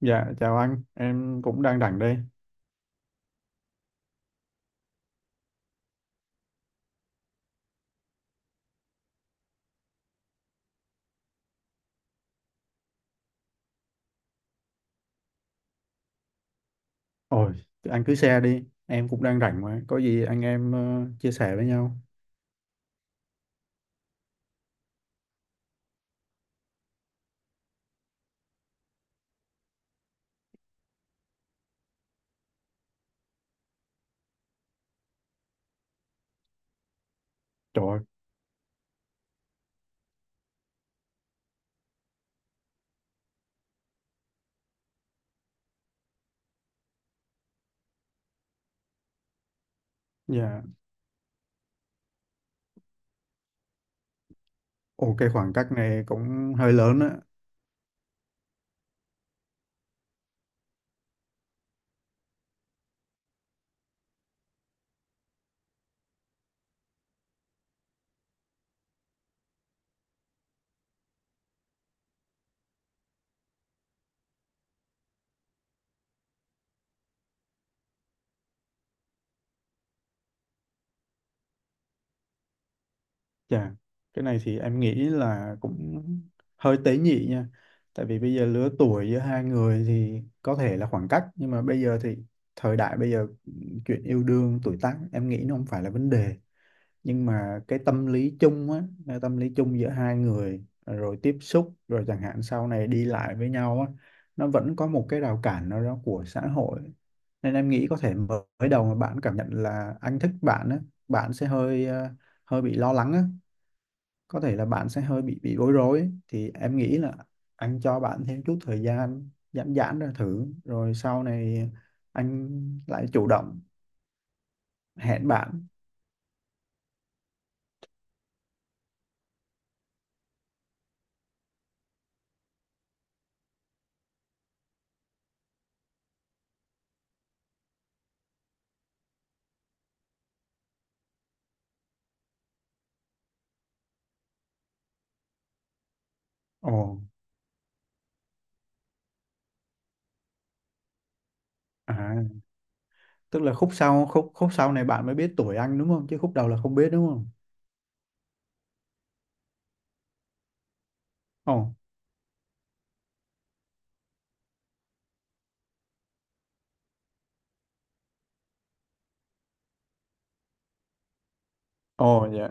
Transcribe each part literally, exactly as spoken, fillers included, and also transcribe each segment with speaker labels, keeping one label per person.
Speaker 1: Dạ, chào anh, em cũng đang rảnh đây. Ôi, thì anh cứ share đi, em cũng đang rảnh mà, có gì anh em ờ, chia sẻ với nhau. Trời ơi, dạ, ồ cái khoảng cách này cũng hơi lớn á. Dạ, cái này thì em nghĩ là cũng hơi tế nhị nha. Tại vì bây giờ lứa tuổi giữa hai người thì có thể là khoảng cách, nhưng mà bây giờ thì thời đại bây giờ ừ, chuyện yêu đương, tuổi tác em nghĩ nó không phải là vấn đề. Nhưng mà cái tâm lý chung á, cái tâm lý chung giữa hai người rồi tiếp xúc rồi chẳng hạn sau này đi lại với nhau á nó vẫn có một cái rào cản nào đó của xã hội, nên em nghĩ có thể mới đầu mà bạn cảm nhận là anh thích bạn á, bạn sẽ hơi ờ, hơi bị lo lắng á, có thể là bạn sẽ hơi bị bị bối rối ấy. Thì em nghĩ là anh cho bạn thêm chút thời gian giãn giãn ra thử rồi sau này anh lại chủ động hẹn bạn. Ồ, à, tức là khúc sau khúc khúc sau này bạn mới biết tuổi anh đúng không, chứ khúc đầu là không biết đúng không? Ồ, ồ, dạ.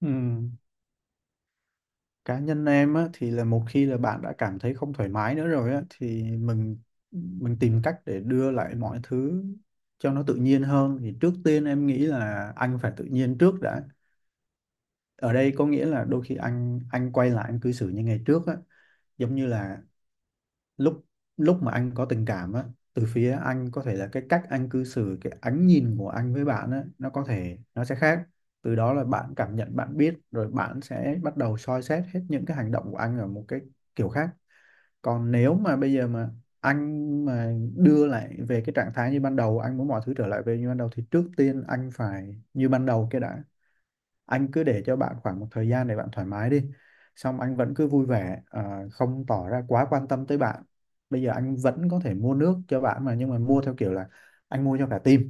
Speaker 1: Ừ, cá nhân em á thì là một khi là bạn đã cảm thấy không thoải mái nữa rồi á thì mình mình tìm cách để đưa lại mọi thứ cho nó tự nhiên hơn, thì trước tiên em nghĩ là anh phải tự nhiên trước đã. Ở đây có nghĩa là đôi khi anh anh quay lại anh cư xử như ngày trước á, giống như là lúc lúc mà anh có tình cảm á. Từ phía anh có thể là cái cách anh cư xử, cái ánh nhìn của anh với bạn á nó có thể nó sẽ khác, từ đó là bạn cảm nhận bạn biết rồi bạn sẽ bắt đầu soi xét hết những cái hành động của anh ở một cái kiểu khác. Còn nếu mà bây giờ mà anh mà đưa lại về cái trạng thái như ban đầu, anh muốn mọi thứ trở lại về như ban đầu, thì trước tiên anh phải như ban đầu cái đã. Anh cứ để cho bạn khoảng một thời gian để bạn thoải mái đi, xong anh vẫn cứ vui vẻ, à, không tỏ ra quá quan tâm tới bạn. Bây giờ anh vẫn có thể mua nước cho bạn mà, nhưng mà mua theo kiểu là anh mua cho cả team,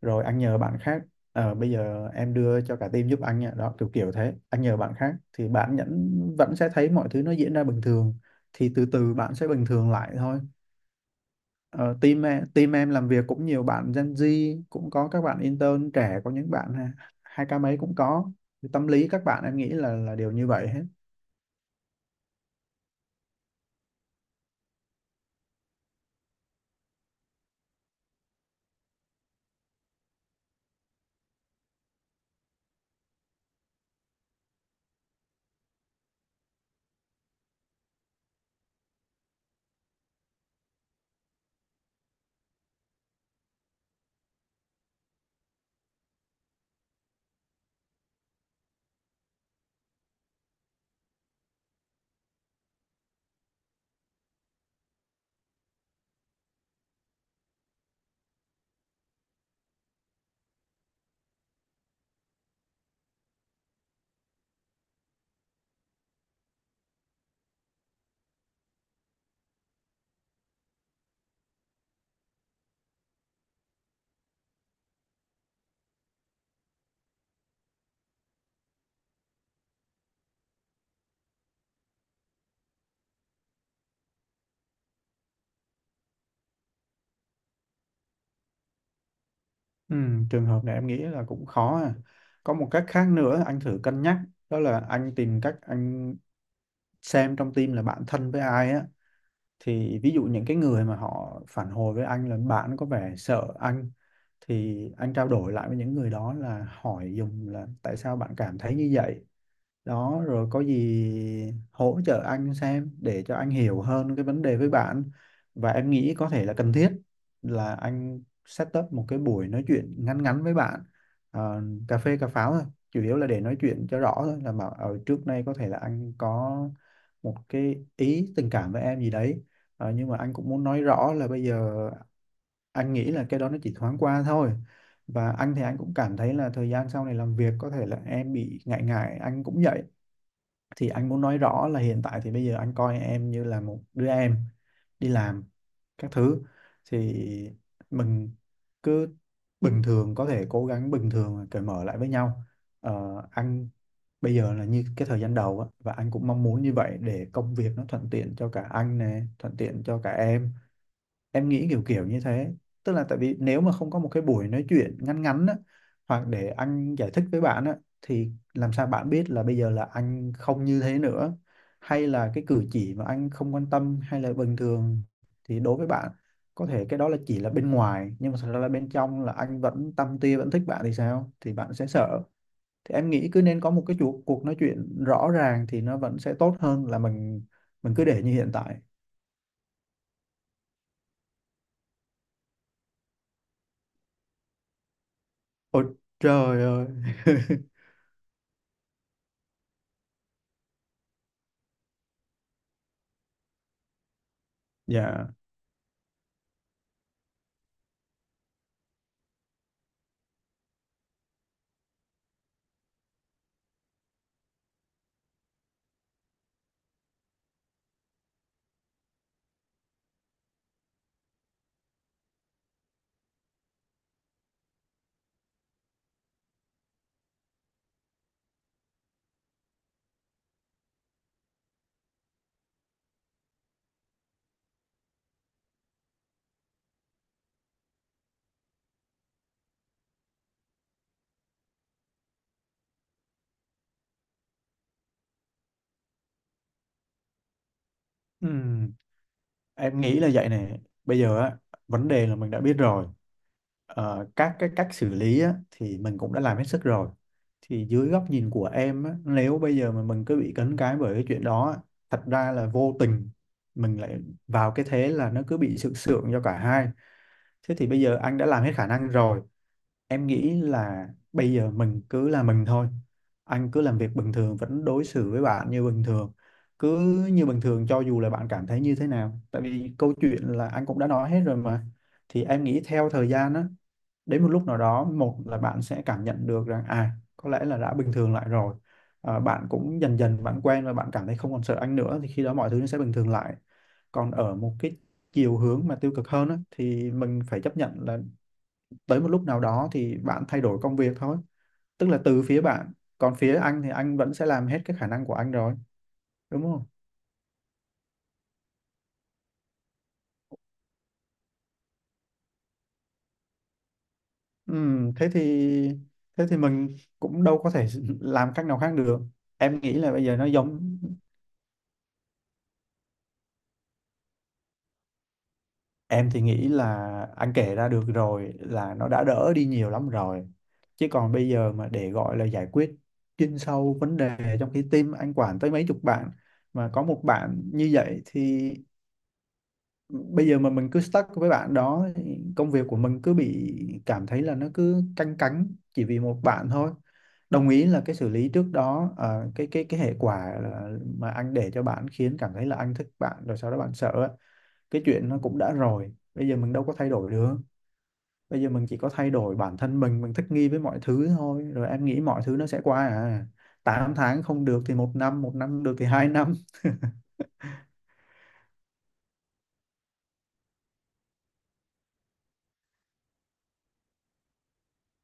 Speaker 1: rồi anh nhờ bạn khác, ờ, bây giờ em đưa cho cả team giúp anh nha, đó kiểu kiểu thế. Anh nhờ bạn khác thì bạn nhẫn vẫn sẽ thấy mọi thứ nó diễn ra bình thường, thì từ từ bạn sẽ bình thường lại thôi. Ờ, team em, team em làm việc cũng nhiều bạn Gen Z, cũng có các bạn intern trẻ, có những bạn ha- hai k mấy cũng có. Thì tâm lý các bạn em nghĩ là là đều như vậy hết. Ừ, trường hợp này em nghĩ là cũng khó à. Có một cách khác nữa anh thử cân nhắc, đó là anh tìm cách anh xem trong team là bạn thân với ai á. Thì ví dụ những cái người mà họ phản hồi với anh là bạn có vẻ sợ anh, thì anh trao đổi lại với những người đó là hỏi dùng là tại sao bạn cảm thấy như vậy, đó rồi có gì hỗ trợ anh xem để cho anh hiểu hơn cái vấn đề với bạn. Và em nghĩ có thể là cần thiết là anh set up một cái buổi nói chuyện ngắn ngắn với bạn. Ờ, cà phê cà pháo thôi, chủ yếu là để nói chuyện cho rõ thôi, là mà ở trước nay có thể là anh có một cái ý tình cảm với em gì đấy. Ờ, nhưng mà anh cũng muốn nói rõ là bây giờ anh nghĩ là cái đó nó chỉ thoáng qua thôi, và anh thì anh cũng cảm thấy là thời gian sau này làm việc có thể là em bị ngại ngại, anh cũng vậy. Thì anh muốn nói rõ là hiện tại thì bây giờ anh coi em như là một đứa em đi làm các thứ. Thì mình cứ bình thường, có thể cố gắng bình thường và cởi mở lại với nhau. Ờ, anh bây giờ là như cái thời gian đầu á, và anh cũng mong muốn như vậy để công việc nó thuận tiện cho cả anh nè, thuận tiện cho cả em. Em nghĩ kiểu kiểu như thế, tức là tại vì nếu mà không có một cái buổi nói chuyện ngắn ngắn á, hoặc để anh giải thích với bạn á, thì làm sao bạn biết là bây giờ là anh không như thế nữa, hay là cái cử chỉ mà anh không quan tâm hay là bình thường thì đối với bạn có thể cái đó là chỉ là bên ngoài, nhưng mà thật ra là bên trong là anh vẫn tâm tia vẫn thích bạn thì sao, thì bạn sẽ sợ. Thì em nghĩ cứ nên có một cái cuộc cuộc nói chuyện rõ ràng thì nó vẫn sẽ tốt hơn là mình mình cứ để như hiện tại. Ôi trời ơi, dạ. Ừm, Em nghĩ là vậy này. Bây giờ á, vấn đề là mình đã biết rồi. Ờ, các cái cách xử lý á, thì mình cũng đã làm hết sức rồi. Thì dưới góc nhìn của em á, nếu bây giờ mà mình cứ bị cấn cái bởi cái chuyện đó á, thật ra là vô tình mình lại vào cái thế là nó cứ bị sượng sượng cho cả hai. Thế thì bây giờ anh đã làm hết khả năng rồi. Em nghĩ là bây giờ mình cứ là mình thôi. Anh cứ làm việc bình thường, vẫn đối xử với bạn như bình thường. Cứ như bình thường cho dù là bạn cảm thấy như thế nào. Tại vì câu chuyện là anh cũng đã nói hết rồi mà. Thì em nghĩ theo thời gian á, đến một lúc nào đó một là bạn sẽ cảm nhận được rằng à có lẽ là đã bình thường lại rồi. À, bạn cũng dần dần bạn quen và bạn cảm thấy không còn sợ anh nữa, thì khi đó mọi thứ nó sẽ bình thường lại. Còn ở một cái chiều hướng mà tiêu cực hơn á, thì mình phải chấp nhận là tới một lúc nào đó thì bạn thay đổi công việc thôi, tức là từ phía bạn. Còn phía anh thì anh vẫn sẽ làm hết cái khả năng của anh rồi, đúng không? Ừm, thế thì thế thì mình cũng đâu có thể làm cách nào khác được. Em nghĩ là bây giờ nó giống, em thì nghĩ là anh kể ra được rồi là nó đã đỡ đi nhiều lắm rồi. Chứ còn bây giờ mà để gọi là giải quyết chuyên sâu vấn đề, trong khi team anh quản tới mấy chục bạn mà có một bạn như vậy, thì bây giờ mà mình cứ stuck với bạn đó thì công việc của mình cứ bị cảm thấy là nó cứ canh cánh chỉ vì một bạn thôi. Đồng ý là cái xử lý trước đó, ờ, cái cái cái hệ quả là mà anh để cho bạn khiến cảm thấy là anh thích bạn rồi sau đó bạn sợ á. Cái chuyện nó cũng đã rồi, bây giờ mình đâu có thay đổi được. Bây giờ mình chỉ có thay đổi bản thân mình mình thích nghi với mọi thứ thôi, rồi em nghĩ mọi thứ nó sẽ qua à. Tám tháng không được thì một năm, một năm được thì hai năm.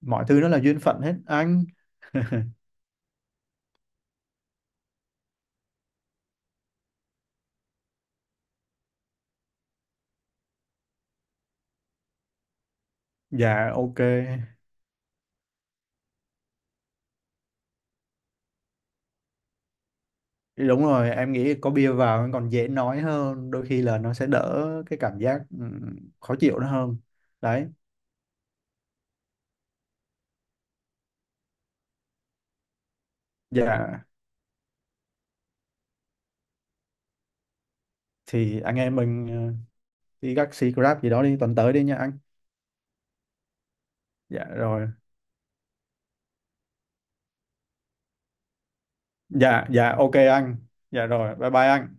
Speaker 1: Mọi thứ nó là duyên phận hết anh. Dạ, ok. Đúng rồi, em nghĩ có bia vào còn dễ nói hơn, đôi khi là nó sẽ đỡ cái cảm giác ừm, khó chịu nó hơn. Đấy, dạ thì anh em mình ờ, đi taxi Grab gì đó đi tuần tới đi nha anh. Dạ rồi. Dạ dạ ok anh. Dạ rồi, bye bye anh.